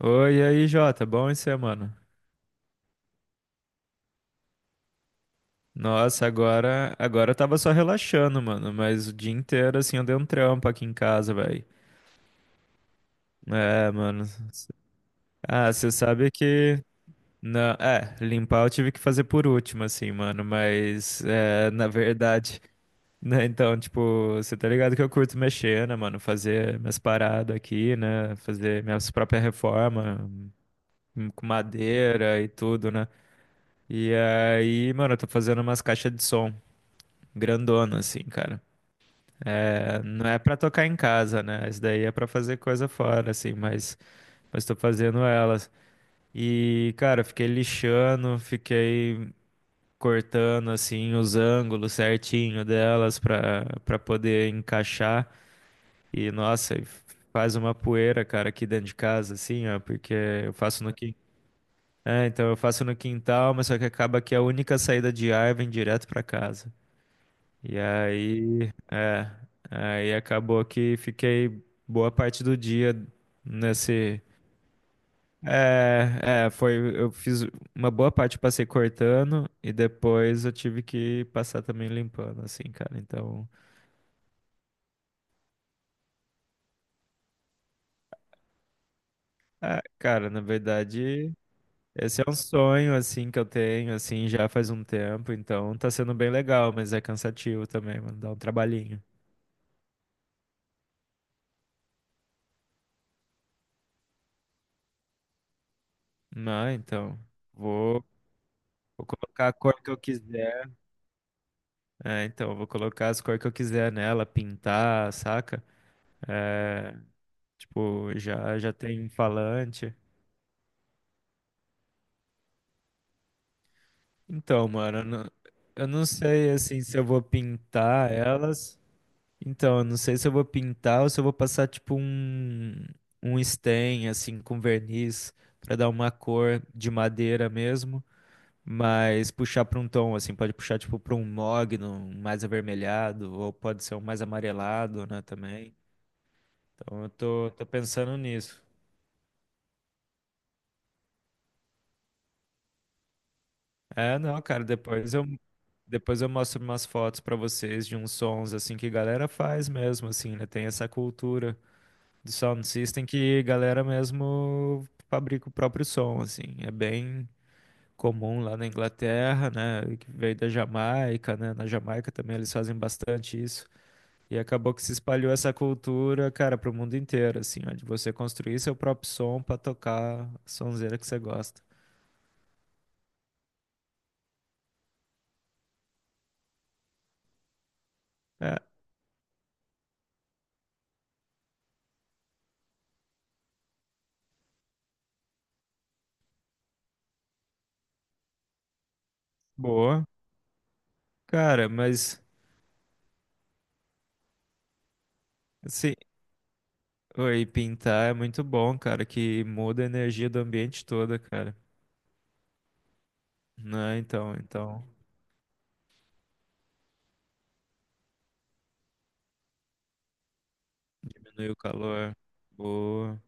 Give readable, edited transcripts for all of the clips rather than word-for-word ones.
Oi, e aí, Jota, bom isso aí, mano? Nossa, agora eu tava só relaxando, mano, mas o dia inteiro, assim, eu dei um trampo aqui em casa, velho. É, mano. Ah, você sabe que... Não, é, limpar eu tive que fazer por último, assim, mano, mas, é, na verdade, né, então, tipo, você tá ligado que eu curto mexer, né, mano, fazer minhas paradas aqui, né, fazer minhas próprias reformas com madeira e tudo, né. E aí, mano, eu tô fazendo umas caixas de som, grandona, assim, cara. É, não é pra tocar em casa, né? Isso daí é pra fazer coisa fora, assim, mas, tô fazendo elas. E, cara, eu fiquei lixando, fiquei cortando, assim, os ângulos certinho delas pra poder encaixar. E, nossa, e faz uma poeira, cara, aqui dentro de casa, assim, ó, porque eu faço no quintal. É, então eu faço no quintal, mas só que acaba que a única saída de ar vem direto pra casa. E aí, é, aí acabou que fiquei boa parte do dia nesse. É, é, foi. Eu fiz uma boa parte, passei cortando e depois eu tive que passar também limpando, assim, cara. Então, é, cara, na verdade, esse é um sonho, assim, que eu tenho, assim, já faz um tempo. Então, tá sendo bem legal, mas é cansativo também, mano, dá um trabalhinho. Não, então, vou, vou colocar a cor que eu quiser. É, então, eu vou colocar as cores que eu quiser nela, pintar, saca? É, tipo, já tem um falante. Então, mano, eu não, sei, assim, se eu vou pintar elas. Então, eu não sei se eu vou pintar ou se eu vou passar, tipo, um stain, assim, com verniz, pra dar uma cor de madeira mesmo. Mas puxar pra um tom, assim, pode puxar, tipo, pra um mogno mais avermelhado, ou pode ser um mais amarelado, né, também. Então eu tô, pensando nisso. É, não, cara, depois eu mostro umas fotos pra vocês de uns sons assim que galera faz mesmo, assim, né? Tem essa cultura de sound system que galera mesmo fabrica o próprio som, assim. É bem comum lá na Inglaterra, né? Que veio da Jamaica, né? Na Jamaica também eles fazem bastante isso. E acabou que se espalhou essa cultura, cara, pro mundo inteiro, assim, ó, de você construir seu próprio som pra tocar a sonzeira que você gosta. É, boa. Cara, mas assim, oi, pintar é muito bom, cara, que muda a energia do ambiente toda, cara. Né? Então diminui o calor. Boa.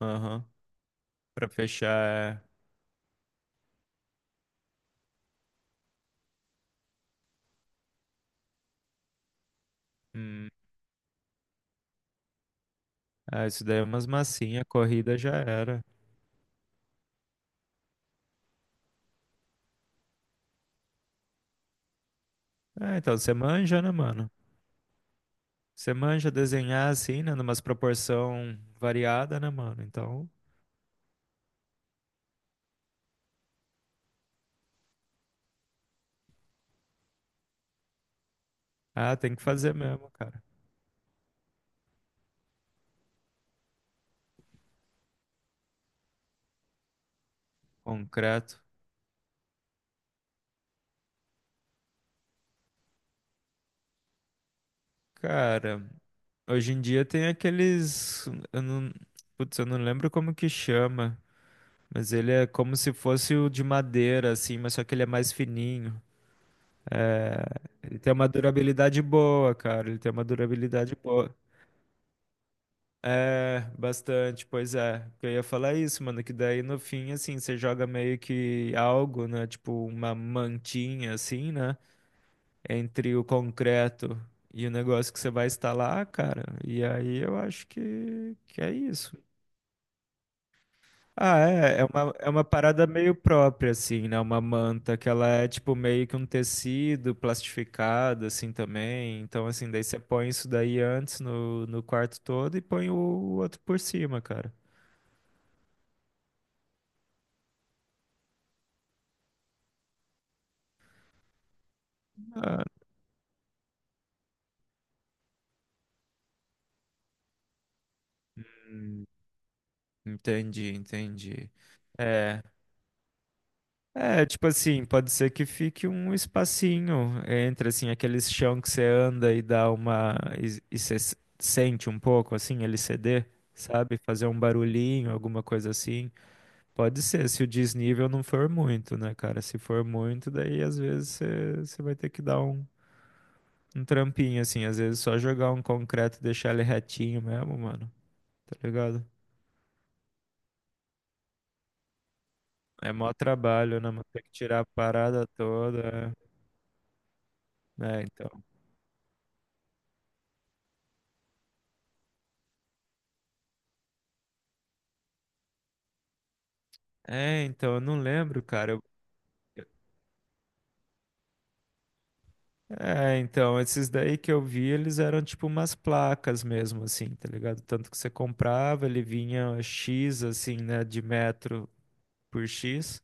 Aham. Pra fechar, é, hum, ah, isso daí é umas massinhas, corrida já era. Ah, então você manja, né, mano? Você manja desenhar assim, né, numas proporção variada, né, mano? Então, ah, tem que fazer mesmo, cara. Concreto. Cara, hoje em dia tem aqueles. Eu não... Putz, eu não lembro como que chama. Mas ele é como se fosse o de madeira, assim, mas só que ele é mais fininho. É, ele tem uma durabilidade boa, cara. Ele tem uma durabilidade boa. É, bastante, pois é. Eu ia falar é isso, mano, que daí no fim, assim, você joga meio que algo, né? Tipo uma mantinha, assim, né? Entre o concreto e o negócio que você vai instalar, cara. E aí eu acho que é isso. Ah, é, é uma, parada meio própria, assim, né? Uma manta que ela é tipo meio que um tecido plastificado, assim, também. Então, assim, daí você põe isso daí antes no quarto todo e põe o outro por cima, cara. Ah, entendi, entendi. É. É, tipo assim, pode ser que fique um espacinho entre, assim, aquele chão que você anda e dá uma... E você sente um pouco, assim, ele ceder, sabe? Fazer um barulhinho, alguma coisa assim. Pode ser, se o desnível não for muito, né, cara? Se for muito, daí às vezes você vai ter que dar um, um trampinho, assim. Às vezes só jogar um concreto e deixar ele retinho mesmo, mano. Tá ligado? É mó trabalho, né, mano? Tem que tirar a parada toda, né? Então... É, então, eu não lembro, cara. É, então, esses daí que eu vi, eles eram tipo umas placas mesmo, assim, tá ligado? Tanto que você comprava, ele vinha X, assim, né, de metro por X,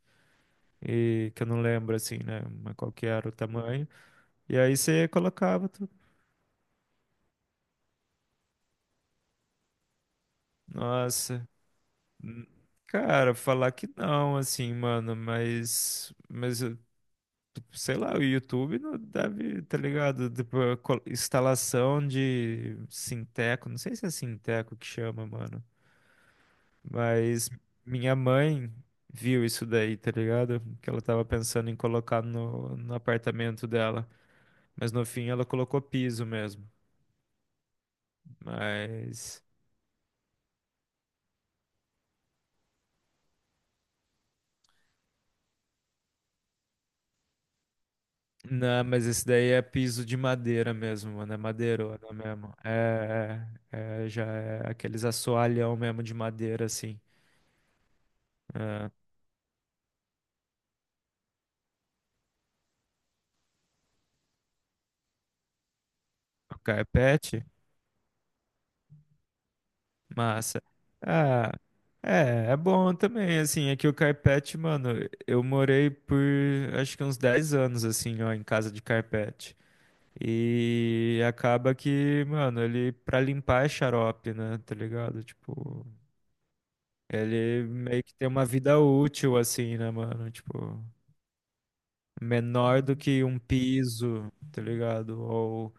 e que eu não lembro, assim, né, mas qual que era o tamanho. E aí você colocava tudo. Nossa, hum, cara, falar que não, assim, mano, mas tipo, sei lá, o YouTube não deve, tá ligado? Tipo, a instalação de Sinteco, não sei se é Sinteco que chama, mano. Mas minha mãe viu isso daí, tá ligado? Que ela tava pensando em colocar no, apartamento dela. Mas no fim ela colocou piso mesmo. Mas. Não, mas esse daí é piso de madeira mesmo, mano. É madeirona mesmo. É, é, é, já é aqueles assoalhão mesmo de madeira, assim. É, o carpete. Massa. Ah, é bom também, assim, aqui o carpete, mano, eu morei por acho que uns 10 anos, assim, ó, em casa de carpete. E acaba que, mano, ele pra limpar é xarope, né, tá ligado? Tipo, ele meio que tem uma vida útil, assim, né, mano? Tipo, menor do que um piso, tá ligado? Ou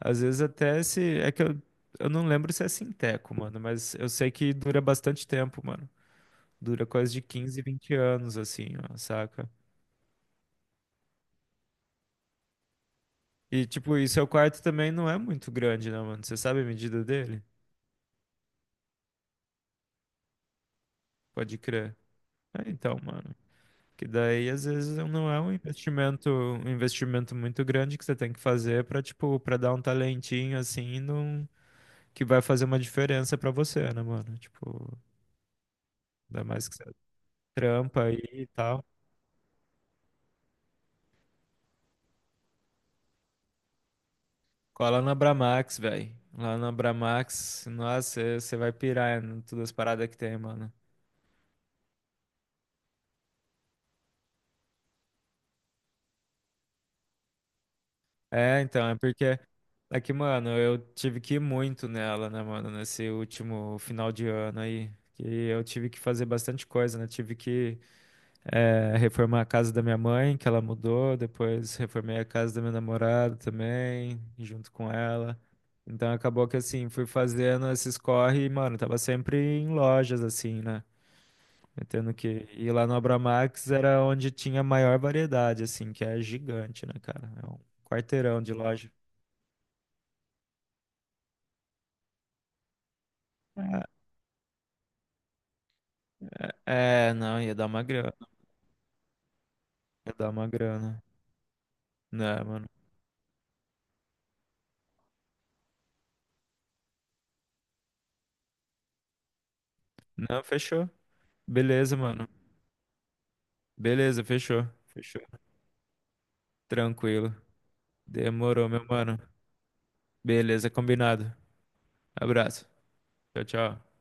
às vezes até se. É que eu, não lembro se é sinteco, mano, mas eu sei que dura bastante tempo, mano. Dura coisa de 15, 20 anos, assim, ó, saca? E, tipo, e seu quarto também não é muito grande, né, mano? Você sabe a medida dele? Pode crer. É, então, mano. Que daí, às vezes, não é um investimento muito grande que você tem que fazer pra, tipo, pra dar um talentinho, assim, num... que vai fazer uma diferença pra você, né, mano? Tipo, ainda mais que você trampa aí e tal. Cola na Bramax, velho. Lá na Bramax, nossa, você vai pirar em todas as paradas que tem, mano. É, então, é porque é que, mano, eu tive que ir muito nela, né, mano, nesse último final de ano aí. Que eu tive que fazer bastante coisa, né? Tive que reformar a casa da minha mãe, que ela mudou, depois reformei a casa da minha namorada também, junto com ela. Então acabou que assim, fui fazendo esses corre e, mano, tava sempre em lojas, assim, né? Eu tendo que ir lá no Abramax era onde tinha maior variedade, assim, que é gigante, né, cara? É um quarteirão de loja. É, não, ia dar uma grana. Ia dar uma grana. Não, mano? Não, fechou. Beleza, mano. Beleza, fechou. Fechou. Tranquilo. Demorou, meu mano. Beleza, combinado. Abraço. Tchau, tchau.